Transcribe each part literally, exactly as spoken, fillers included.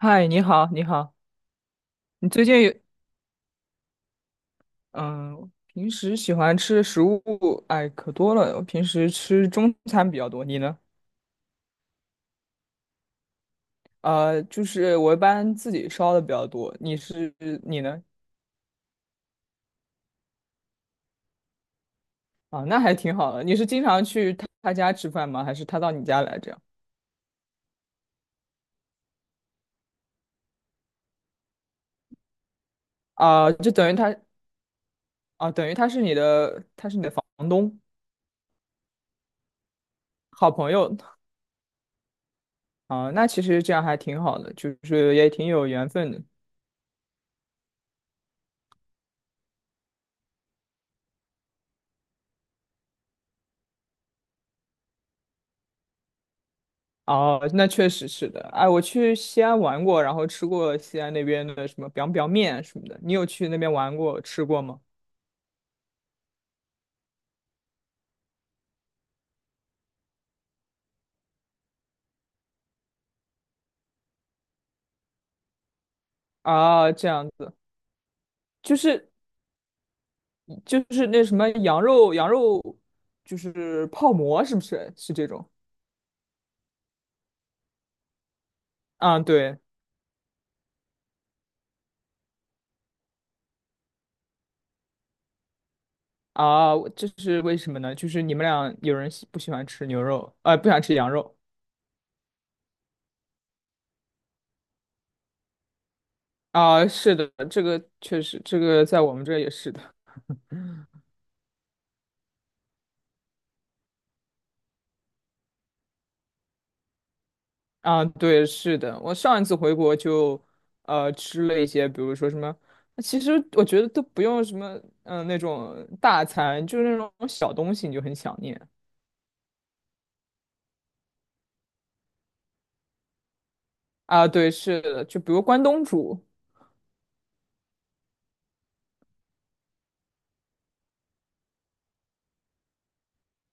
嗨，你好，你好，你最近有嗯，平时喜欢吃的食物，哎，可多了。我平时吃中餐比较多，你呢？呃，就是我一般自己烧的比较多。你是你呢？啊，那还挺好的。你是经常去他他家吃饭吗？还是他到你家来这样？啊，就等于他啊，等于他是你的，他是你的房东，好朋友啊。那其实这样还挺好的，就是也挺有缘分的。哦，那确实是的。哎，我去西安玩过，然后吃过西安那边的什么 biang biang 面什么的。你有去那边玩过、吃过吗？啊，这样子，就是就是那什么羊肉羊肉，就是泡馍，是不是？是这种？啊，对啊，我这是为什么呢？就是你们俩有人喜不喜欢吃牛肉，呃，不想吃羊肉啊？是的，这个确实，这个在我们这儿也是的。啊，对，是的，我上一次回国就，呃，吃了一些，比如说什么，其实我觉得都不用什么，嗯、那种大餐，就是那种小东西你就很想念啊。对，是的，就比如关东煮，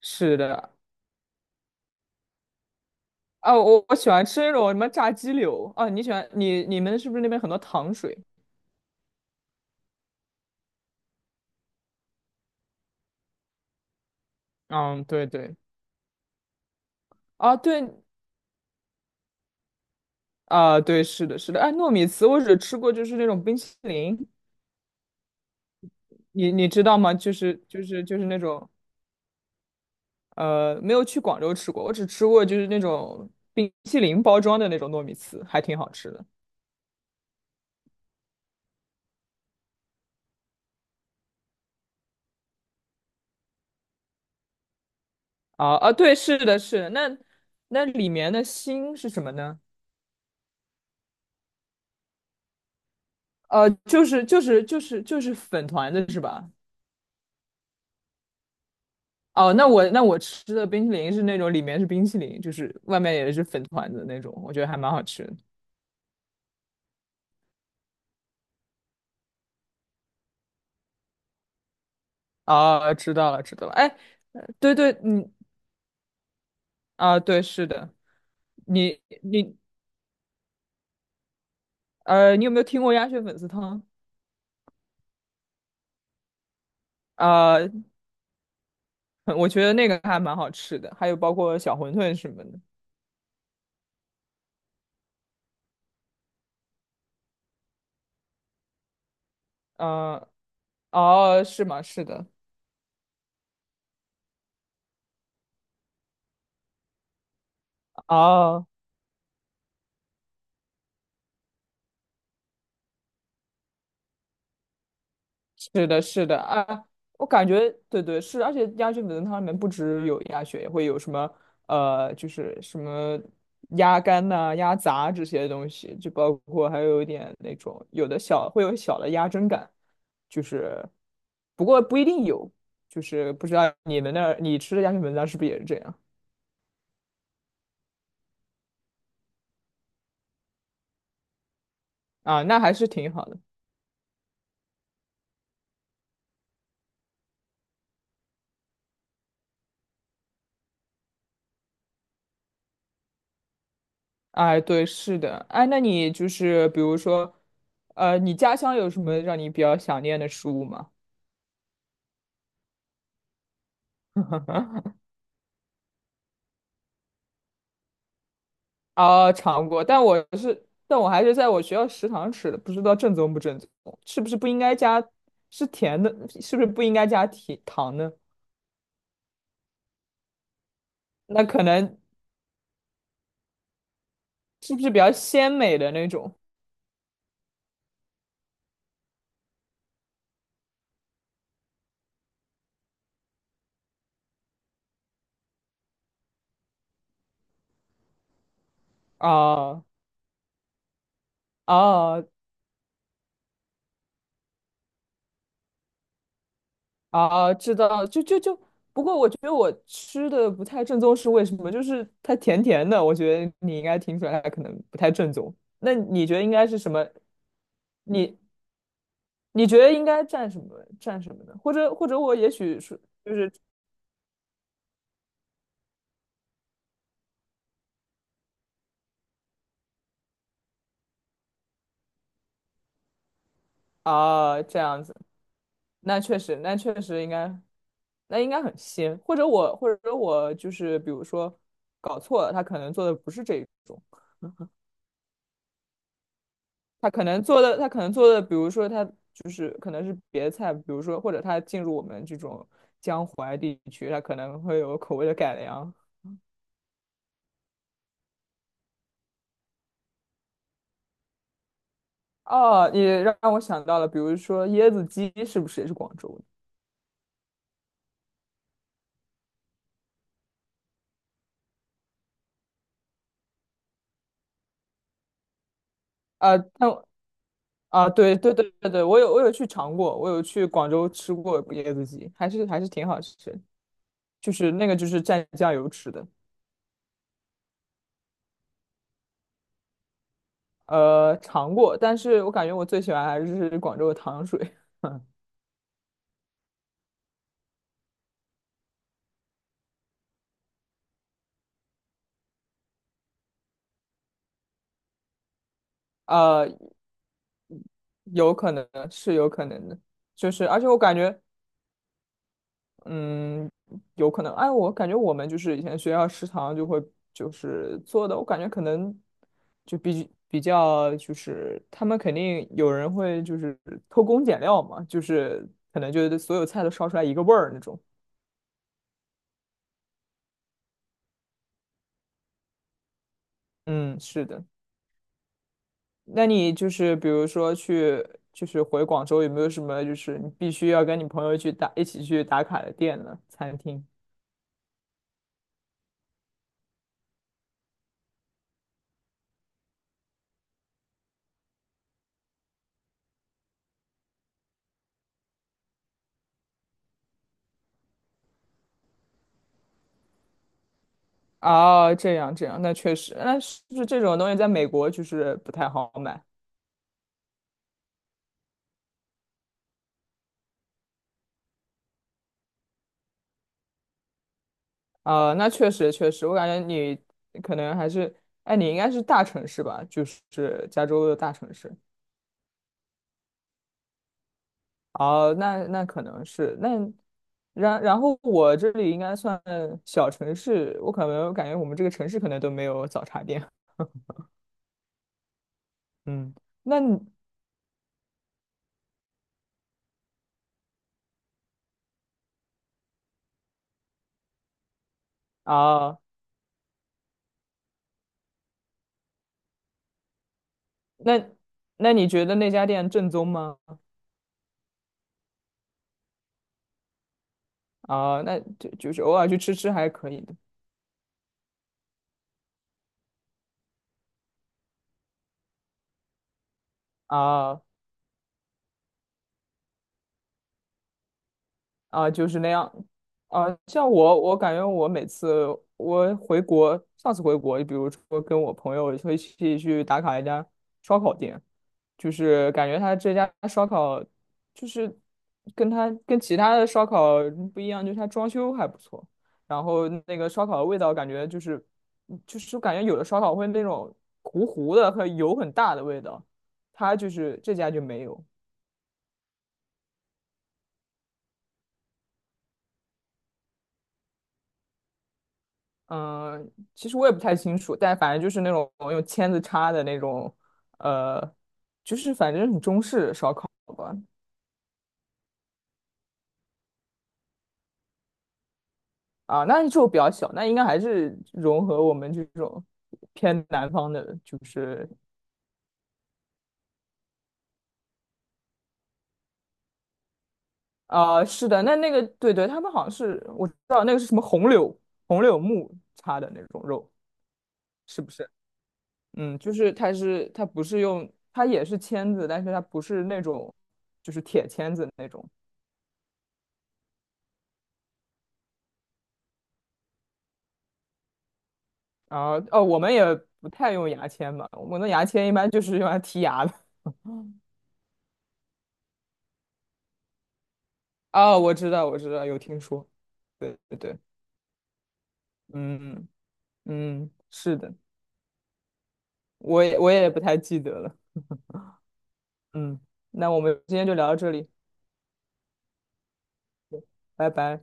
是的，啊，我我喜欢吃那种什么炸鸡柳啊。你喜欢你你们是不是那边很多糖水？嗯，对对，啊对啊对，是的，是的，哎，糯米糍我只吃过就是那种冰淇淋，你你知道吗？就是就是就是那种。呃，没有去广州吃过，我只吃过就是那种冰淇淋包装的那种糯米糍，还挺好吃的。啊啊，对，是的，是的。那那里面的心是什么呢？呃，就是就是就是就是粉团子是吧？哦，那我那我吃的冰淇淋是那种里面是冰淇淋，就是外面也是粉团子那种，我觉得还蛮好吃的。啊，知道了，知道了。哎，对对，嗯，啊，对，是的，你你呃，你有没有听过鸭血粉丝汤？啊？我觉得那个还蛮好吃的，还有包括小馄饨什么的。嗯、哦，是吗？是的，哦，是的，是的啊，我感觉对对是，而且鸭血粉丝汤里面不只有鸭血，也会有什么呃，就是什么鸭肝呐、鸭杂这些东西，就包括还有一点那种有的小会有小的鸭胗感，就是不过不一定有，就是不知道你们那儿你吃的鸭血粉丝汤是不是也是这样。啊？那还是挺好的。哎，对，是的，哎，那你就是比如说，呃，你家乡有什么让你比较想念的食物吗？啊，尝过，但我是，但我还是在我学校食堂吃的，不知道正宗不正宗，是不是不应该加，是甜的，是不是不应该加甜糖呢？那可能是不是比较鲜美的那种？啊啊，啊，知道，就就就，不过我觉得我吃的不太正宗是为什么？就是它甜甜的，我觉得你应该听出来它可能不太正宗。那你觉得应该是什么？你你觉得应该蘸什么蘸什么呢？或者或者我也许是啊这样子，那确实那确实应该那应该很鲜，或者我或者我就是比如说搞错了，他可能做的不是这种。他可能做的，他可能做的，比如说他就是可能是别的菜，比如说或者他进入我们这种江淮地区，他可能会有口味的改良。哦，你让我想到了，比如说椰子鸡是不是也是广州的？啊，但啊，对对对对对，我有我有去尝过，我有去广州吃过椰子鸡，还是还是挺好吃的，就是那个就是蘸酱油吃的，呃，尝过，但是我感觉我最喜欢还是广州的糖水。呃，有可能是有可能的，就是而且我感觉，嗯，有可能，哎，我感觉我们就是以前学校食堂就会就是做的，我感觉可能就比比较就是他们肯定有人会就是偷工减料嘛，就是可能就是所有菜都烧出来一个味儿那种。嗯，是的。那你就是比如说去就是回广州有没有什么就是你必须要跟你朋友去打一起去打卡的店呢？餐厅？哦，这样这样，那确实，那是不是这种东西在美国就是不太好买？啊、那确实确实，我感觉你可能还是，哎，你应该是大城市吧，就是加州的大城市。哦，那那可能是那，然然后我这里应该算小城市，我可能感觉我们这个城市可能都没有早茶店。嗯，那你啊、那那你觉得那家店正宗吗？啊、那就就是偶尔去吃吃还可以的。啊、啊，就是那样。啊，像我，我感觉我每次我回国，上次回国，比如说跟我朋友会一起去打卡一家烧烤店，就是感觉他这家烧烤就是跟他跟其他的烧烤不一样，就是他装修还不错，然后那个烧烤的味道感觉就是就是感觉有的烧烤会那种糊糊的和油很大的味道，他就是这家就没有。嗯，其实我也不太清楚，但反正就是那种用签子插的那种，呃，就是反正很中式烧烤吧。啊，那就比较小，那应该还是融合我们这种偏南方的，就是啊，是的，那那个对对，他们好像是我知道那个是什么红柳红柳木插的那种肉，是不是？嗯，就是它是它不是用它也是签子，但是它不是那种就是铁签子那种。啊，哦，我们也不太用牙签吧。我们的牙签一般就是用来剔牙的。哦，我知道，我知道，有听说。对对对，嗯嗯，是的，我也我也不太记得了。嗯，那我们今天就聊到这里，拜拜。